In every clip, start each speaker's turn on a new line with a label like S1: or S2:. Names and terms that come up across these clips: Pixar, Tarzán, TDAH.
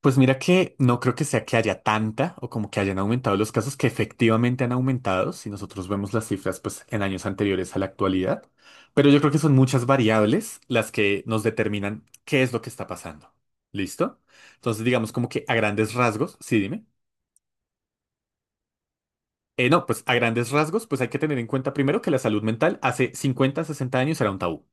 S1: Pues mira que no creo que sea que haya tanta o como que hayan aumentado los casos que efectivamente han aumentado, si nosotros vemos las cifras pues en años anteriores a la actualidad, pero yo creo que son muchas variables las que nos determinan qué es lo que está pasando. ¿Listo? Entonces digamos como que a grandes rasgos, sí, dime. No, pues a grandes rasgos, pues hay que tener en cuenta primero que la salud mental hace 50, 60 años era un tabú.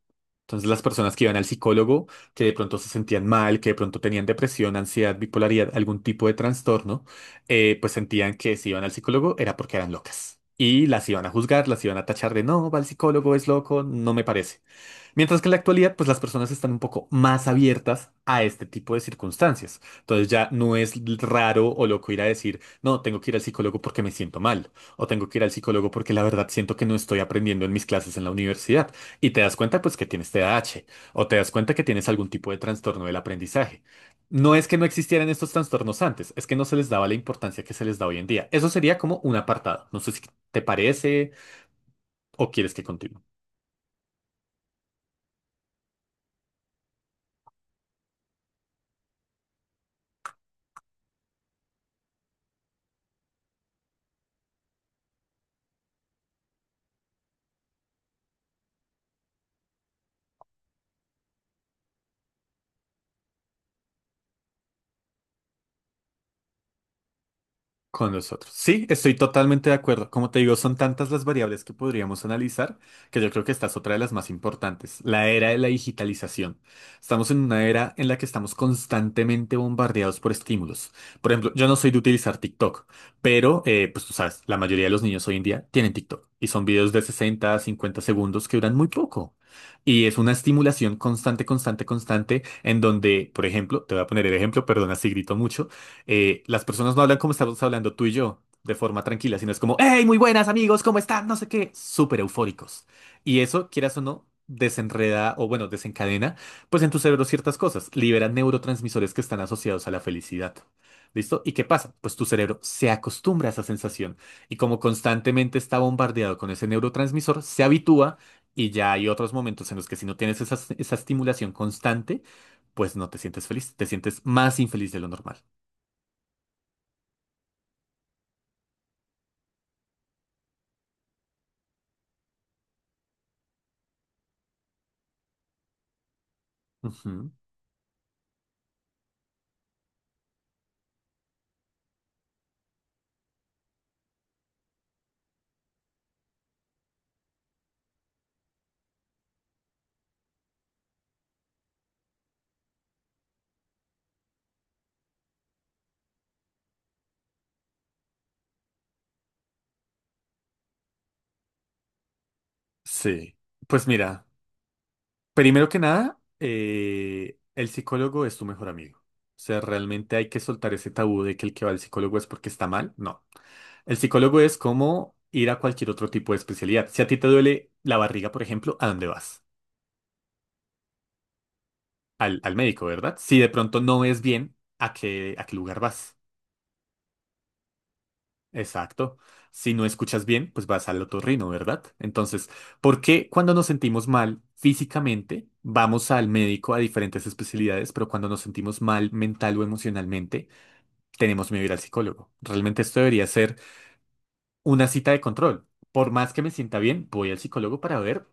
S1: Entonces las personas que iban al psicólogo, que de pronto se sentían mal, que de pronto tenían depresión, ansiedad, bipolaridad, algún tipo de trastorno, pues sentían que si iban al psicólogo era porque eran locas. Y las iban a juzgar, las iban a tachar de no, va al psicólogo, es loco, no me parece. Mientras que en la actualidad, pues las personas están un poco más abiertas a este tipo de circunstancias. Entonces ya no es raro o loco ir a decir, no, tengo que ir al psicólogo porque me siento mal, o tengo que ir al psicólogo porque la verdad siento que no estoy aprendiendo en mis clases en la universidad. Y te das cuenta, pues, que tienes TDAH, o te das cuenta que tienes algún tipo de trastorno del aprendizaje. No es que no existieran estos trastornos antes, es que no se les daba la importancia que se les da hoy en día. Eso sería como un apartado. No sé si te parece o quieres que continúe. Con nosotros. Sí, estoy totalmente de acuerdo. Como te digo, son tantas las variables que podríamos analizar que yo creo que esta es otra de las más importantes, la era de la digitalización. Estamos en una era en la que estamos constantemente bombardeados por estímulos. Por ejemplo, yo no soy de utilizar TikTok, pero pues tú sabes, la mayoría de los niños hoy en día tienen TikTok y son videos de 60 a 50 segundos que duran muy poco. Y es una estimulación constante, constante, constante, en donde, por ejemplo, te voy a poner el ejemplo, perdona si grito mucho, las personas no hablan como estamos hablando tú y yo, de forma tranquila, sino es como, hey, muy buenas amigos, ¿cómo están? No sé qué, súper eufóricos. Y eso, quieras o no, desenreda o bueno, desencadena, pues en tu cerebro ciertas cosas, libera neurotransmisores que están asociados a la felicidad. ¿Listo? ¿Y qué pasa? Pues tu cerebro se acostumbra a esa sensación y como constantemente está bombardeado con ese neurotransmisor, se habitúa y ya hay otros momentos en los que si no tienes esa estimulación constante, pues no te sientes feliz, te sientes más infeliz de lo normal. Ujú, sí. Pues mira, primero que nada, el psicólogo es tu mejor amigo. O sea, realmente hay que soltar ese tabú de que el que va al psicólogo es porque está mal. No. El psicólogo es como ir a cualquier otro tipo de especialidad. Si a ti te duele la barriga, por ejemplo, ¿a dónde vas? Al médico, ¿verdad? Si de pronto no ves bien, ¿a qué lugar vas? Exacto. Si no escuchas bien, pues vas al otorrino, ¿verdad? Entonces, ¿por qué cuando nos sentimos mal físicamente vamos al médico a diferentes especialidades, pero cuando nos sentimos mal mental o emocionalmente tenemos miedo a ir al psicólogo? Realmente esto debería ser una cita de control. Por más que me sienta bien, voy al psicólogo para ver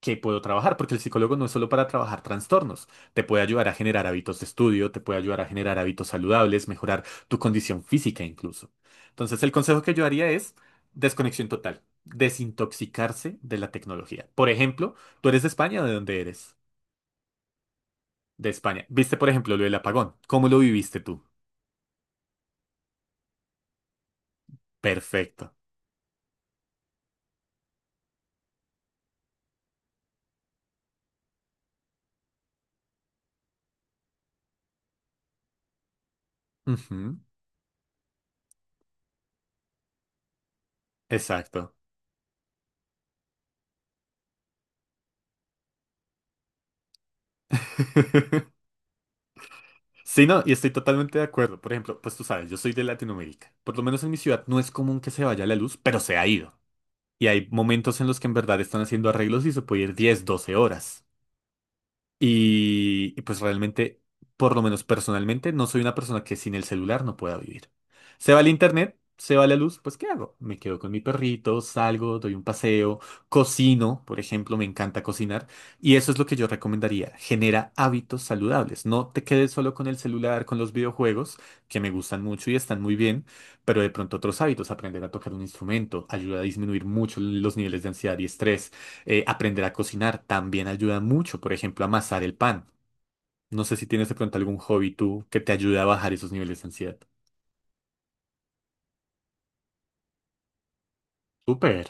S1: que puedo trabajar, porque el psicólogo no es solo para trabajar trastornos, te puede ayudar a generar hábitos de estudio, te puede ayudar a generar hábitos saludables, mejorar tu condición física incluso. Entonces, el consejo que yo haría es desconexión total, desintoxicarse de la tecnología. Por ejemplo, ¿tú eres de España o de dónde eres? De España. ¿Viste, por ejemplo, lo del apagón? ¿Cómo lo viviste tú? Perfecto. Ujú, exacto. Sí, no, y estoy totalmente de acuerdo. Por ejemplo, pues tú sabes, yo soy de Latinoamérica. Por lo menos en mi ciudad no es común que se vaya la luz, pero se ha ido. Y hay momentos en los que en verdad están haciendo arreglos y se puede ir 10, 12 horas. Y pues realmente, por lo menos personalmente, no soy una persona que sin el celular no pueda vivir. Se va el internet, se va la luz, pues ¿qué hago? Me quedo con mi perrito, salgo, doy un paseo, cocino, por ejemplo, me encanta cocinar. Y eso es lo que yo recomendaría. Genera hábitos saludables. No te quedes solo con el celular, con los videojuegos, que me gustan mucho y están muy bien, pero de pronto otros hábitos, aprender a tocar un instrumento, ayuda a disminuir mucho los niveles de ansiedad y estrés aprender a cocinar también ayuda mucho, por ejemplo, a amasar el pan. No sé si tienes de pronto algún hobby tú que te ayude a bajar esos niveles de ansiedad. Súper,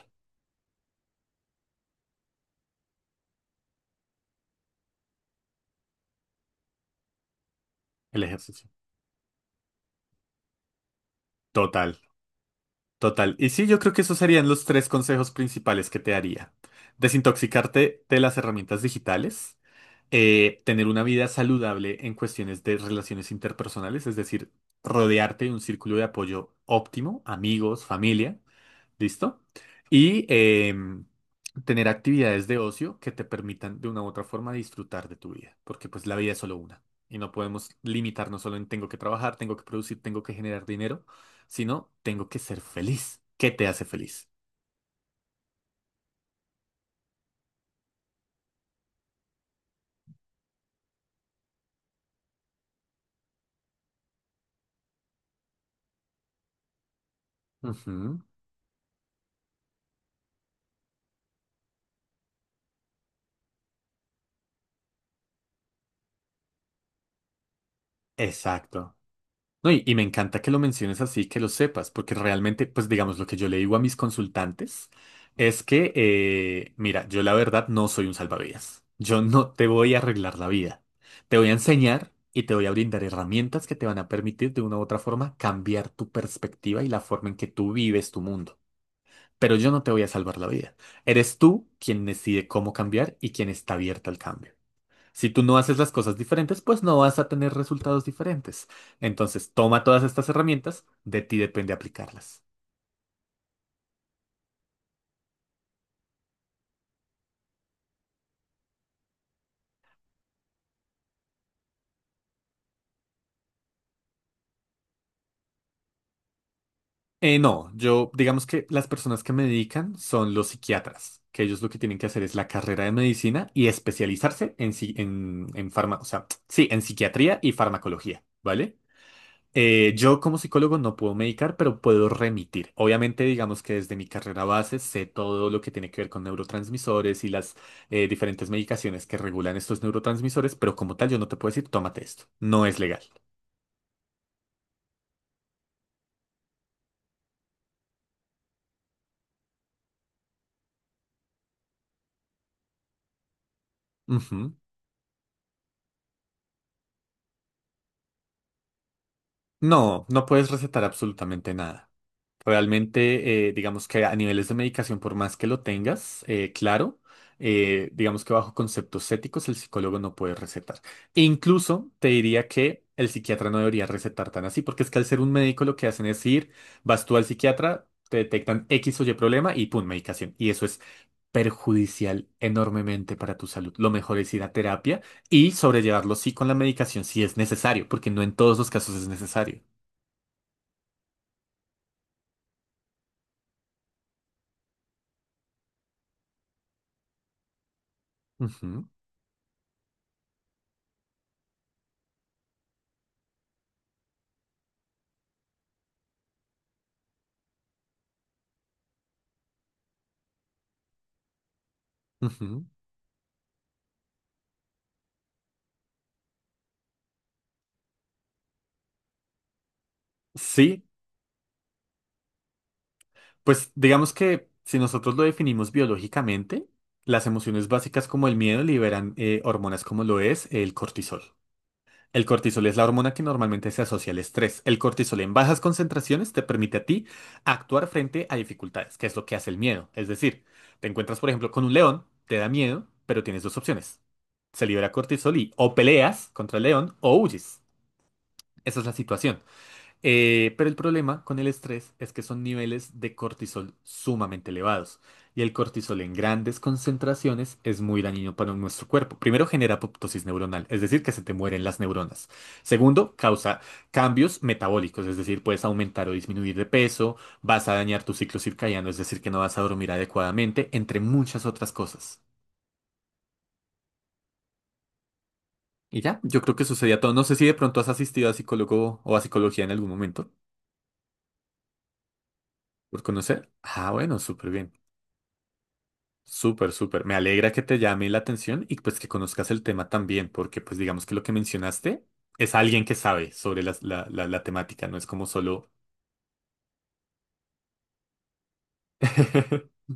S1: el ejercicio. Total, total. Y sí, yo creo que esos serían los tres consejos principales que te daría. Desintoxicarte de las herramientas digitales, tener una vida saludable en cuestiones de relaciones interpersonales, es decir, rodearte de un círculo de apoyo óptimo, amigos, familia. ¿Listo? Y tener actividades de ocio que te permitan de una u otra forma disfrutar de tu vida, porque pues la vida es solo una y no podemos limitarnos solo en tengo que trabajar, tengo que producir, tengo que generar dinero, sino tengo que ser feliz. ¿Qué te hace feliz? Ujú, exacto. No, y me encanta que lo menciones así, que lo sepas, porque realmente, pues digamos, lo que yo le digo a mis consultantes es que, mira, yo la verdad no soy un salvavidas. Yo no te voy a arreglar la vida. Te voy a enseñar y te voy a brindar herramientas que te van a permitir de una u otra forma cambiar tu perspectiva y la forma en que tú vives tu mundo. Pero yo no te voy a salvar la vida. Eres tú quien decide cómo cambiar y quien está abierta al cambio. Si tú no haces las cosas diferentes, pues no vas a tener resultados diferentes. Entonces, toma todas estas herramientas, de ti depende aplicarlas. No, yo digamos que las personas que me dedican son los psiquiatras, que ellos lo que tienen que hacer es la carrera de medicina y especializarse en, si- en farma- o sea, sí, en psiquiatría y farmacología, ¿vale? Yo como psicólogo no puedo medicar, pero puedo remitir. Obviamente, digamos que desde mi carrera base sé todo lo que tiene que ver con neurotransmisores y las diferentes medicaciones que regulan estos neurotransmisores, pero como tal yo no te puedo decir, tómate esto. No es legal. Ujú. No, no puedes recetar absolutamente nada. Realmente, digamos que a niveles de medicación, por más que lo tengas, claro, digamos que bajo conceptos éticos el psicólogo no puede recetar. E incluso te diría que el psiquiatra no debería recetar tan así, porque es que al ser un médico lo que hacen es ir, vas tú al psiquiatra, te detectan X o Y problema y pum, medicación. Y eso es perjudicial enormemente para tu salud. Lo mejor es ir a terapia y sobrellevarlo sí con la medicación si es necesario, porque no en todos los casos es necesario. Ujú, ujú. Sí, pues digamos que si nosotros lo definimos biológicamente, las emociones básicas como el miedo liberan hormonas como lo es el cortisol. El cortisol es la hormona que normalmente se asocia al estrés. El cortisol en bajas concentraciones te permite a ti actuar frente a dificultades, que es lo que hace el miedo. Es decir, te encuentras, por ejemplo, con un león, te da miedo, pero tienes dos opciones. Se libera cortisol y o peleas contra el león o huyes. Esa es la situación. Pero el problema con el estrés es que son niveles de cortisol sumamente elevados y el cortisol en grandes concentraciones es muy dañino para nuestro cuerpo. Primero, genera apoptosis neuronal, es decir, que se te mueren las neuronas. Segundo, causa cambios metabólicos, es decir, puedes aumentar o disminuir de peso, vas a dañar tu ciclo circadiano, es decir, que no vas a dormir adecuadamente, entre muchas otras cosas. Y ya, yo creo que sucedía todo. No sé si de pronto has asistido a psicólogo o a psicología en algún momento por conocer. Ah, bueno, súper bien. Súper, súper. Me alegra que te llame la atención y pues que conozcas el tema también, porque pues digamos que lo que mencionaste es alguien que sabe sobre la temática, no es como solo…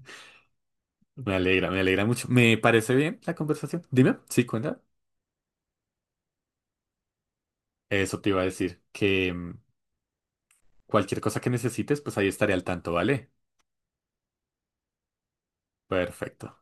S1: Me alegra mucho. Me parece bien la conversación. Dime, ¿sí cuenta? Eso te iba a decir, que cualquier cosa que necesites, pues ahí estaré al tanto, ¿vale? Perfecto.